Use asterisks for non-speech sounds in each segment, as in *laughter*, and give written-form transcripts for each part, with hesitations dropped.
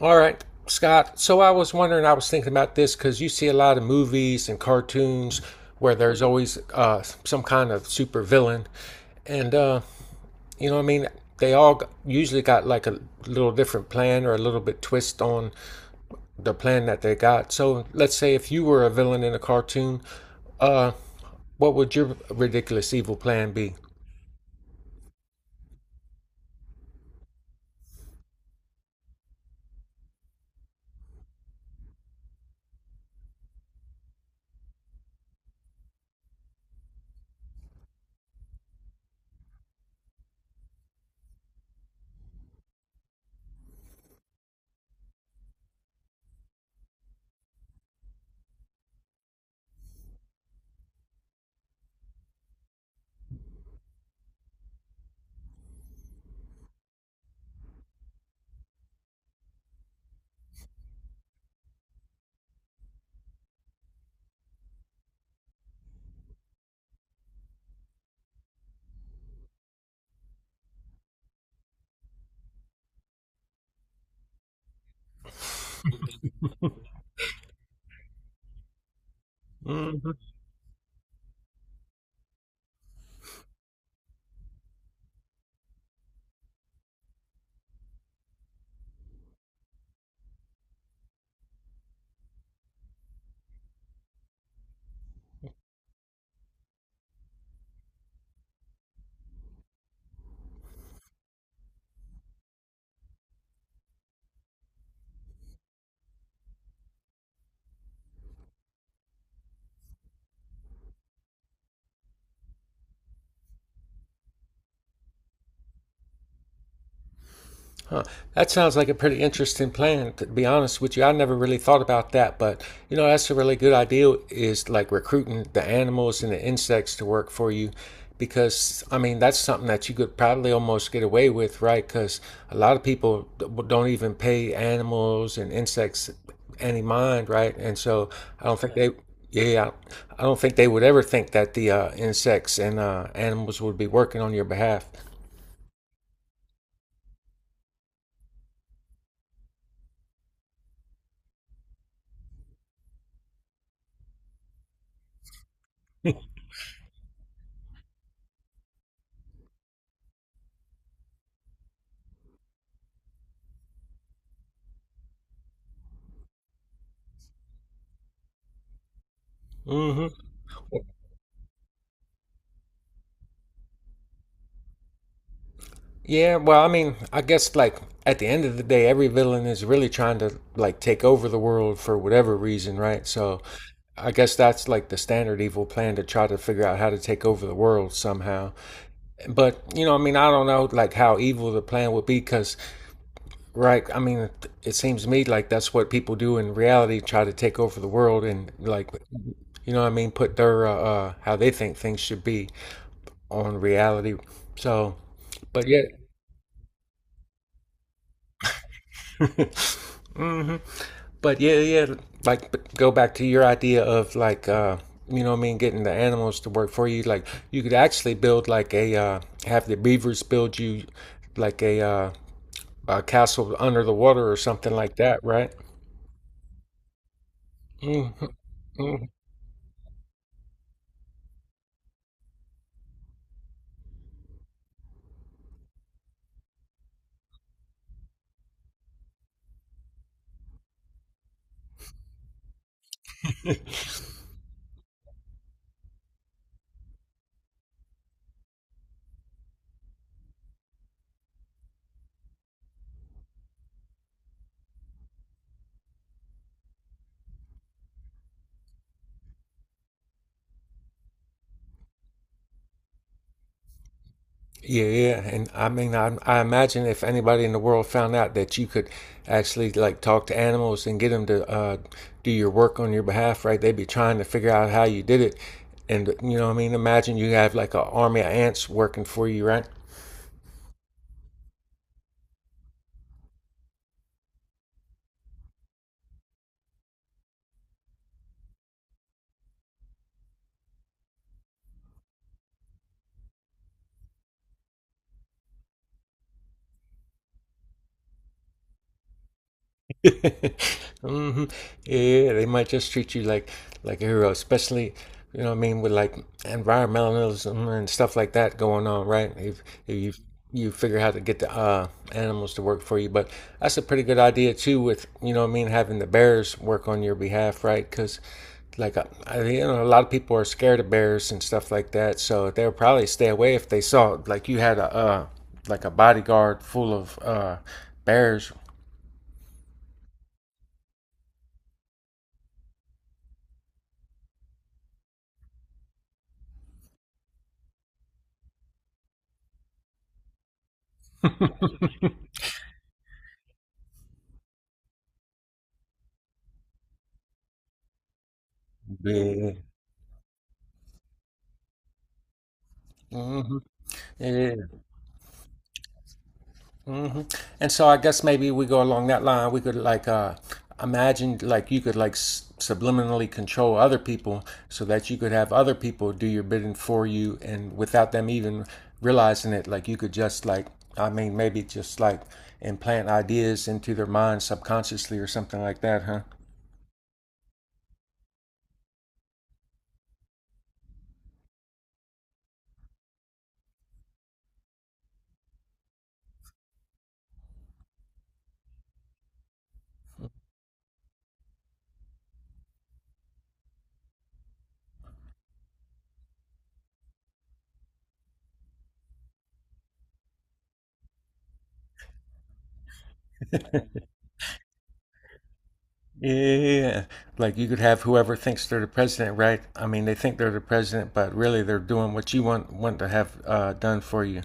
All right, Scott. So I was wondering, I was thinking about this because you see a lot of movies and cartoons where there's always some kind of super villain. And, you know, what I mean, they all usually got like a little different plan or a little bit twist on the plan that they got. So let's say if you were a villain in a cartoon, uh, what would your ridiculous evil plan be? Huh. That sounds like a pretty interesting plan. To be honest with you, I never really thought about that, but you know that's a really good idea. Is like recruiting the animals and the insects to work for you, because I mean that's something that you could probably almost get away with, right? Because a lot of people don't even pay animals and insects any mind, right? And so I don't think they, yeah, I don't think they would ever think that the insects and animals would be working on your behalf. Mm-hmm. Yeah, well, I mean, I guess like at the end of the day, every villain is really trying to like take over the world for whatever reason, right? So I guess that's like the standard evil plan to try to figure out how to take over the world somehow. But, you know, I mean, I don't know like how evil the plan would be because, right, I mean, it seems to me like that's what people do in reality try to take over the world and like, you know what I mean, put their, how they think things should be on reality. So, but yeah. *laughs* But like go back to your idea of like getting the animals to work for you. Like you could actually build like a have the beavers build you like a castle under the water or something like that, right? Mm-hmm. Mm-hmm. Yeah, yeah, and I mean, I imagine if anybody in the world found out that you could actually like talk to animals and get them to do your work on your behalf, right? They'd be trying to figure out how you did it, and you know, what I mean, imagine you have like an army of ants working for you, right? *laughs* Hmm. Yeah, they might just treat you like a hero, especially you know what I mean with like environmentalism and stuff like that going on, right? If you you figure how to get the animals to work for you, but that's a pretty good idea too. With you know what I mean having the bears work on your behalf, right? Because like you know a lot of people are scared of bears and stuff like that, so they'll probably stay away if they saw like you had a like a bodyguard full of bears. Yeah. Mm-hmm. Yeah. Hmm. And so I guess maybe we go along that line. We could like imagine like you could like s subliminally control other people so that you could have other people do your bidding for you and without them even realizing it, like you could just like I mean maybe just like implant ideas into their mind subconsciously or something like that, huh? Yeah, like you could have whoever thinks they're the president, right? I mean, they think they're the president, but really they're doing what you want to have done for you.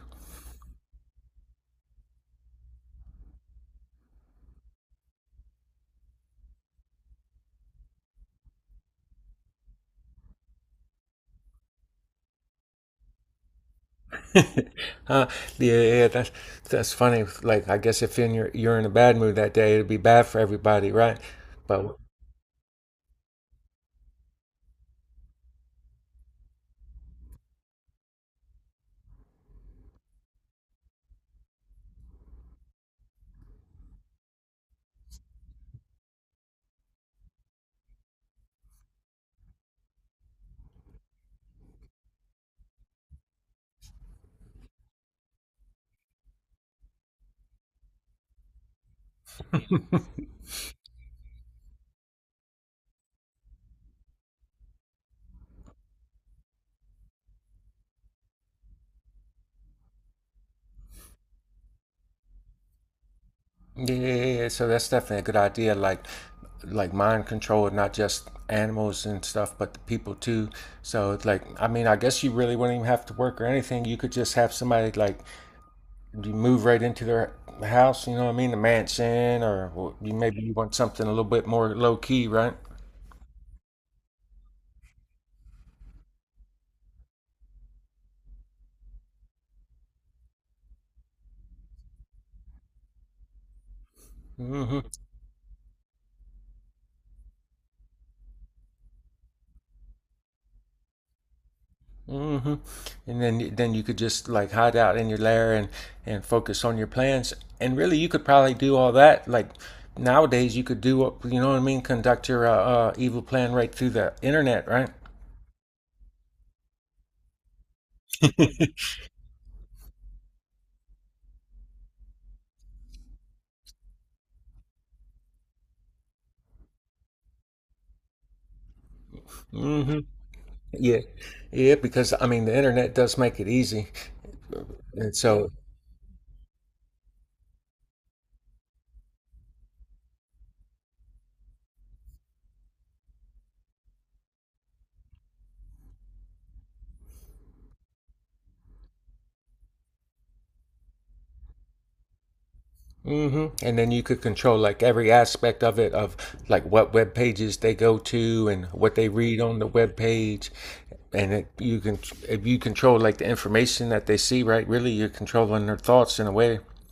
*laughs* Uh, yeah, yeah, that's that's funny. Like, I guess if in your you're in a bad mood that day, it'd be bad for everybody, right? But yeah, so that's definitely a good idea. Like mind control, not just animals and stuff, but the people too. So it's like, I mean, I guess you really wouldn't even have to work or anything. You could just have somebody like you move right into their house. You know what I mean? The mansion, or you maybe you want something a little bit more low key, right? Mm-hmm. Hmm. And then you could just like hide out in your lair and focus on your plans. And really, you could probably do all that. Like nowadays, you could do what you know what I mean. Conduct your evil plan right through the internet, right? Hmm. Yeah, yeah. Because I mean, the internet does make it easy, and so hmm. And then you could control like every aspect of it, of like what web pages they go to and what they read on the web page, and you can if you control like the information that they see, right? Really, you're controlling their thoughts in a way. *laughs*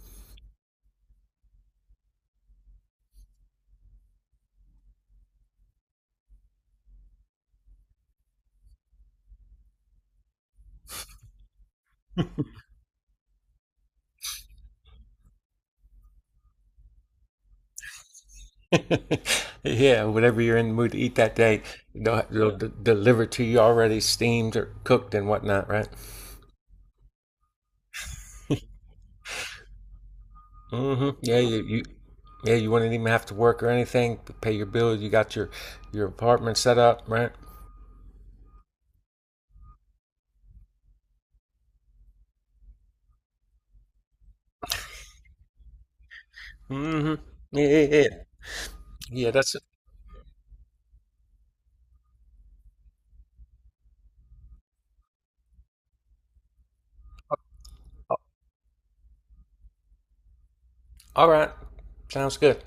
Yeah, whatever you're in the mood to eat that day, they'll deliver to you already steamed or cooked and whatnot, right? Hmm. Yeah, you wouldn't even have to work or anything. Pay your bills. You got your apartment set up, right? Hmm. Yeah, yeah, yeah. Yeah, that's it. All right. Sounds good.